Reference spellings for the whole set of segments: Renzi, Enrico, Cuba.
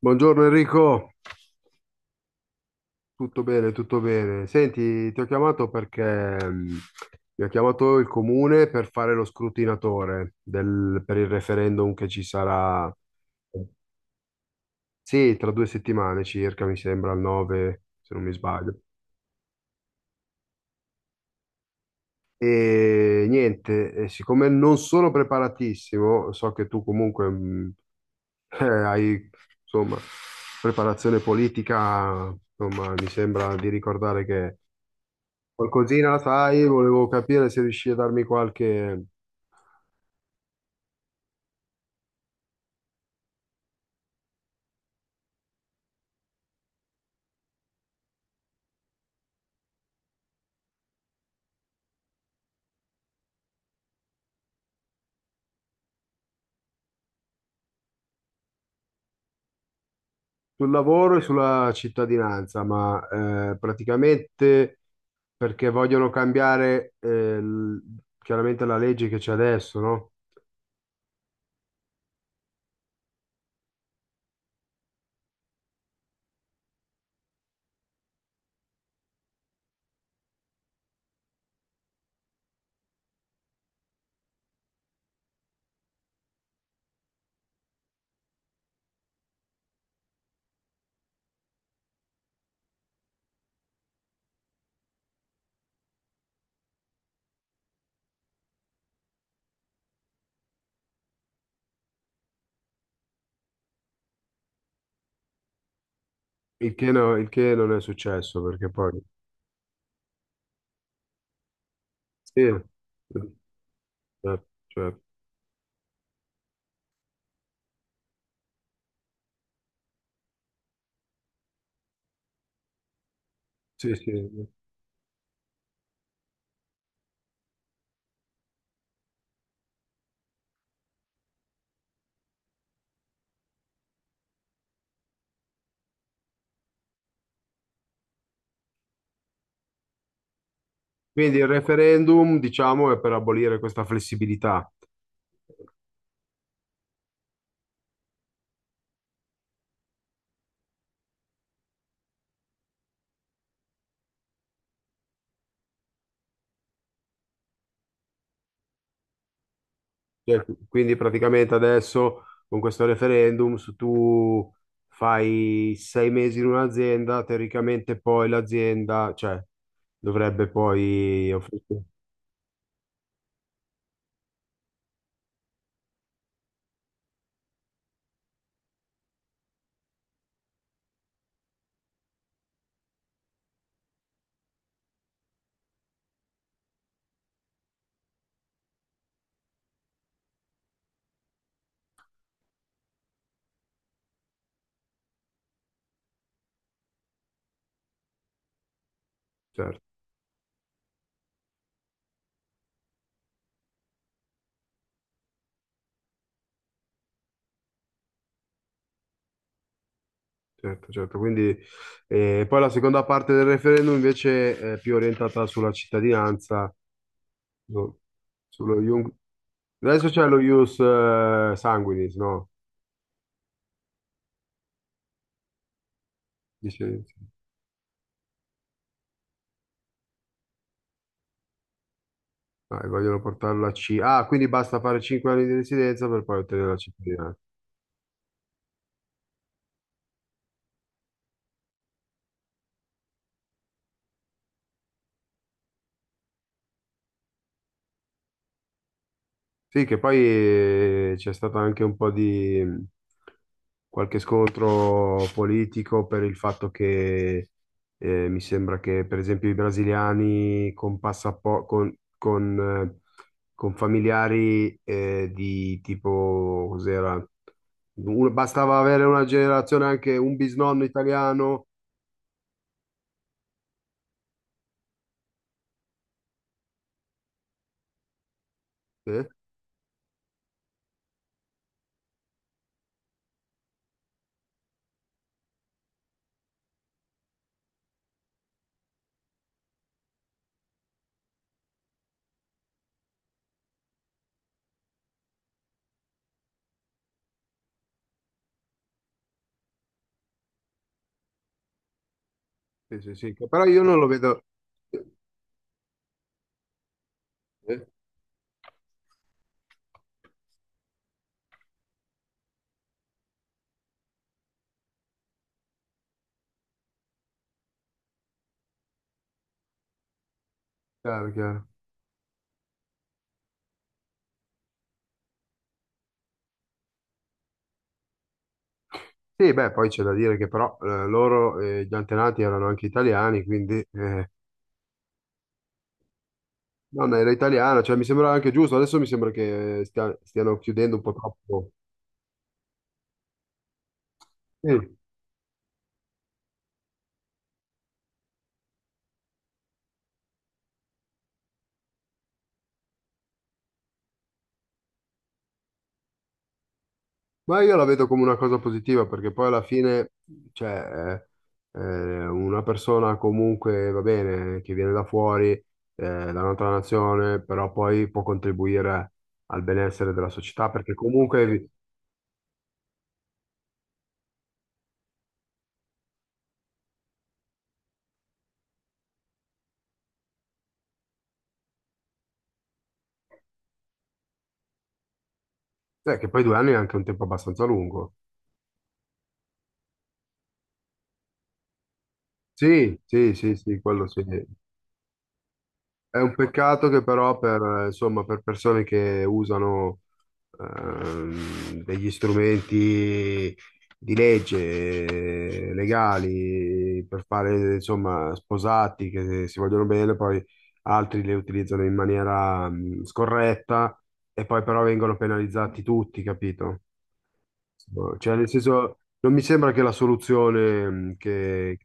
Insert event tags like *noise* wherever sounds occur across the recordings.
Buongiorno Enrico, tutto bene, tutto bene. Senti, ti ho chiamato perché mm, mi ha chiamato il comune per fare lo scrutinatore per il referendum che ci sarà, sì, tra 2 settimane circa, mi sembra, al 9, se non mi sbaglio. E niente, e siccome non sono preparatissimo, so che tu comunque *laughs* hai, insomma, preparazione politica, insomma, mi sembra di ricordare che. Qualcosina la sai, volevo capire se riesci a darmi qualche. Sul lavoro e sulla cittadinanza, ma praticamente perché vogliono cambiare chiaramente la legge che c'è adesso, no? Il che non è successo, perché poi. Sì, cioè, sì, sì. Quindi il referendum, diciamo, è per abolire questa flessibilità. Cioè, quindi praticamente adesso con questo referendum, se tu fai 6 mesi in un'azienda, teoricamente poi l'azienda, cioè, dovrebbe poi offrire. Certo, certo, certo. Quindi, poi la seconda parte del referendum invece è più orientata sulla cittadinanza, no? Sullo iun- Adesso c'è lo ius sanguinis, no? Dice, ah, e vogliono portarlo a C. Ah, quindi basta fare 5 anni di residenza per poi ottenere la cittadinanza. Sì, che poi c'è stato anche un po' di qualche scontro politico per il fatto che mi sembra che, per esempio, i brasiliani con, passapo- con familiari di tipo, cos'era? Bastava avere una generazione, anche un bisnonno italiano, eh? Sì, sì, sì. Però io non lo vedo. Eh? Chiaro, chiaro. Sì, beh, poi c'è da dire che però loro, gli antenati erano anche italiani, quindi nonna era italiana, cioè mi sembra anche giusto, adesso mi sembra che stiano chiudendo un po' troppo. Sì. Ma io la vedo come una cosa positiva, perché poi alla fine, cioè, una persona comunque, va bene, che viene da fuori, da un'altra nazione, però poi può contribuire al benessere della società, perché comunque, che poi 2 anni è anche un tempo abbastanza lungo. Sì, sì, sì, sì, quello sì. È un peccato che però per insomma, per persone che usano degli strumenti di legge legali, per fare, insomma, sposati che si vogliono bene, poi altri le utilizzano in maniera scorretta e poi però vengono penalizzati tutti, capito? Cioè, nel senso, non mi sembra che la soluzione che.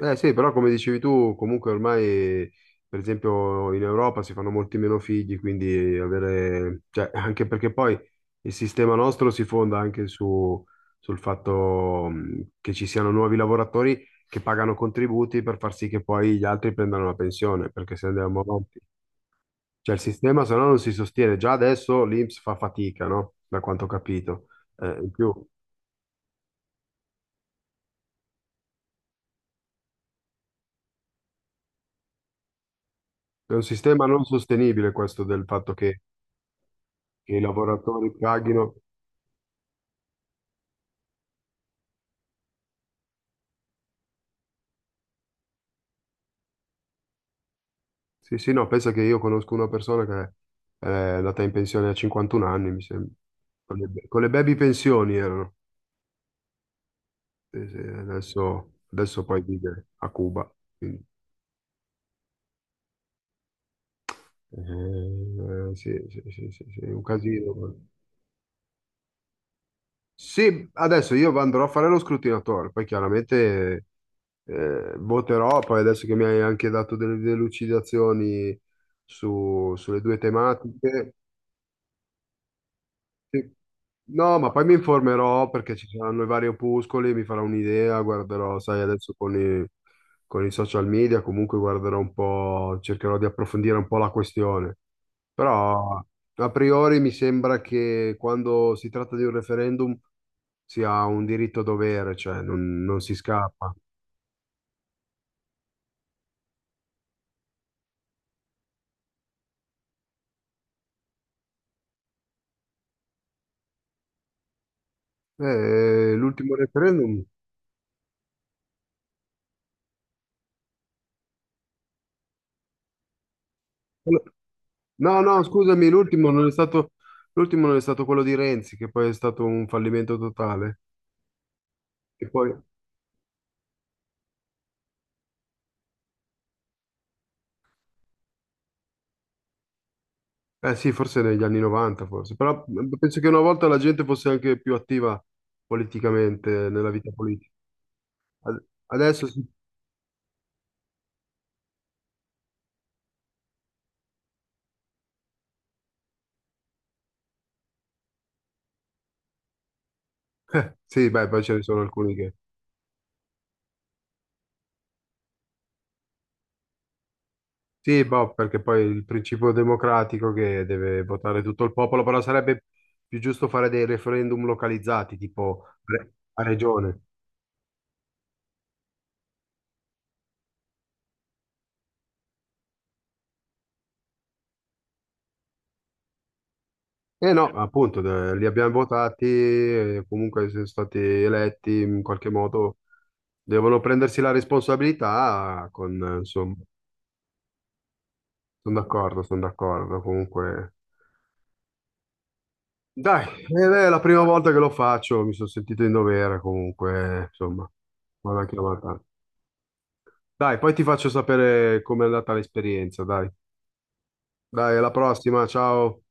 Eh sì, però come dicevi tu, comunque ormai, per esempio, in Europa si fanno molti meno figli, quindi avere, cioè, anche perché poi il sistema nostro si fonda anche sul fatto che ci siano nuovi lavoratori che pagano contributi per far sì che poi gli altri prendano la pensione, perché se andiamo avanti, cioè il sistema se no non si sostiene. Già adesso l'INPS fa fatica, no? Da quanto ho capito. In più, è un sistema non sostenibile questo del fatto che i lavoratori paghino. Sì, sì, no, pensa che io conosco una persona che è andata in pensione a 51 anni, mi sembra. Con le baby pensioni erano. Sì, sì, adesso poi vive a Cuba. Quindi sì, sì, sì, sì, sì, è un casino. Sì, adesso io andrò a fare lo scrutinatore, poi chiaramente voterò, poi adesso che mi hai anche dato delle delucidazioni sulle due tematiche. Sì. No, ma poi mi informerò perché ci saranno i vari opuscoli, mi farò un'idea, guarderò, sai, adesso con i social media, comunque guarderò un po', cercherò di approfondire un po' la questione. Però a priori mi sembra che quando si tratta di un referendum sia un diritto-dovere, cioè non si scappa. L'ultimo referendum. No, no, scusami, l'ultimo non è stato quello di Renzi, che poi è stato un fallimento totale. E poi. Eh sì, forse negli anni 90, forse, però penso che una volta la gente fosse anche più attiva politicamente nella vita politica. Adesso sì. *laughs* Sì, beh, poi ce ne sono alcuni che. Sì, boh, perché poi il principio democratico che deve votare tutto il popolo, però sarebbe più giusto fare dei referendum localizzati, tipo a regione. E no, appunto, li abbiamo votati, comunque sono stati eletti in qualche modo, devono prendersi la responsabilità con insomma. Sono d'accordo, sono d'accordo. Comunque, dai, ed è la prima volta che lo faccio, mi sono sentito in dovere comunque, insomma, vado anche la volta. Dai, poi ti faccio sapere com'è andata l'esperienza, dai. Dai, alla prossima, ciao.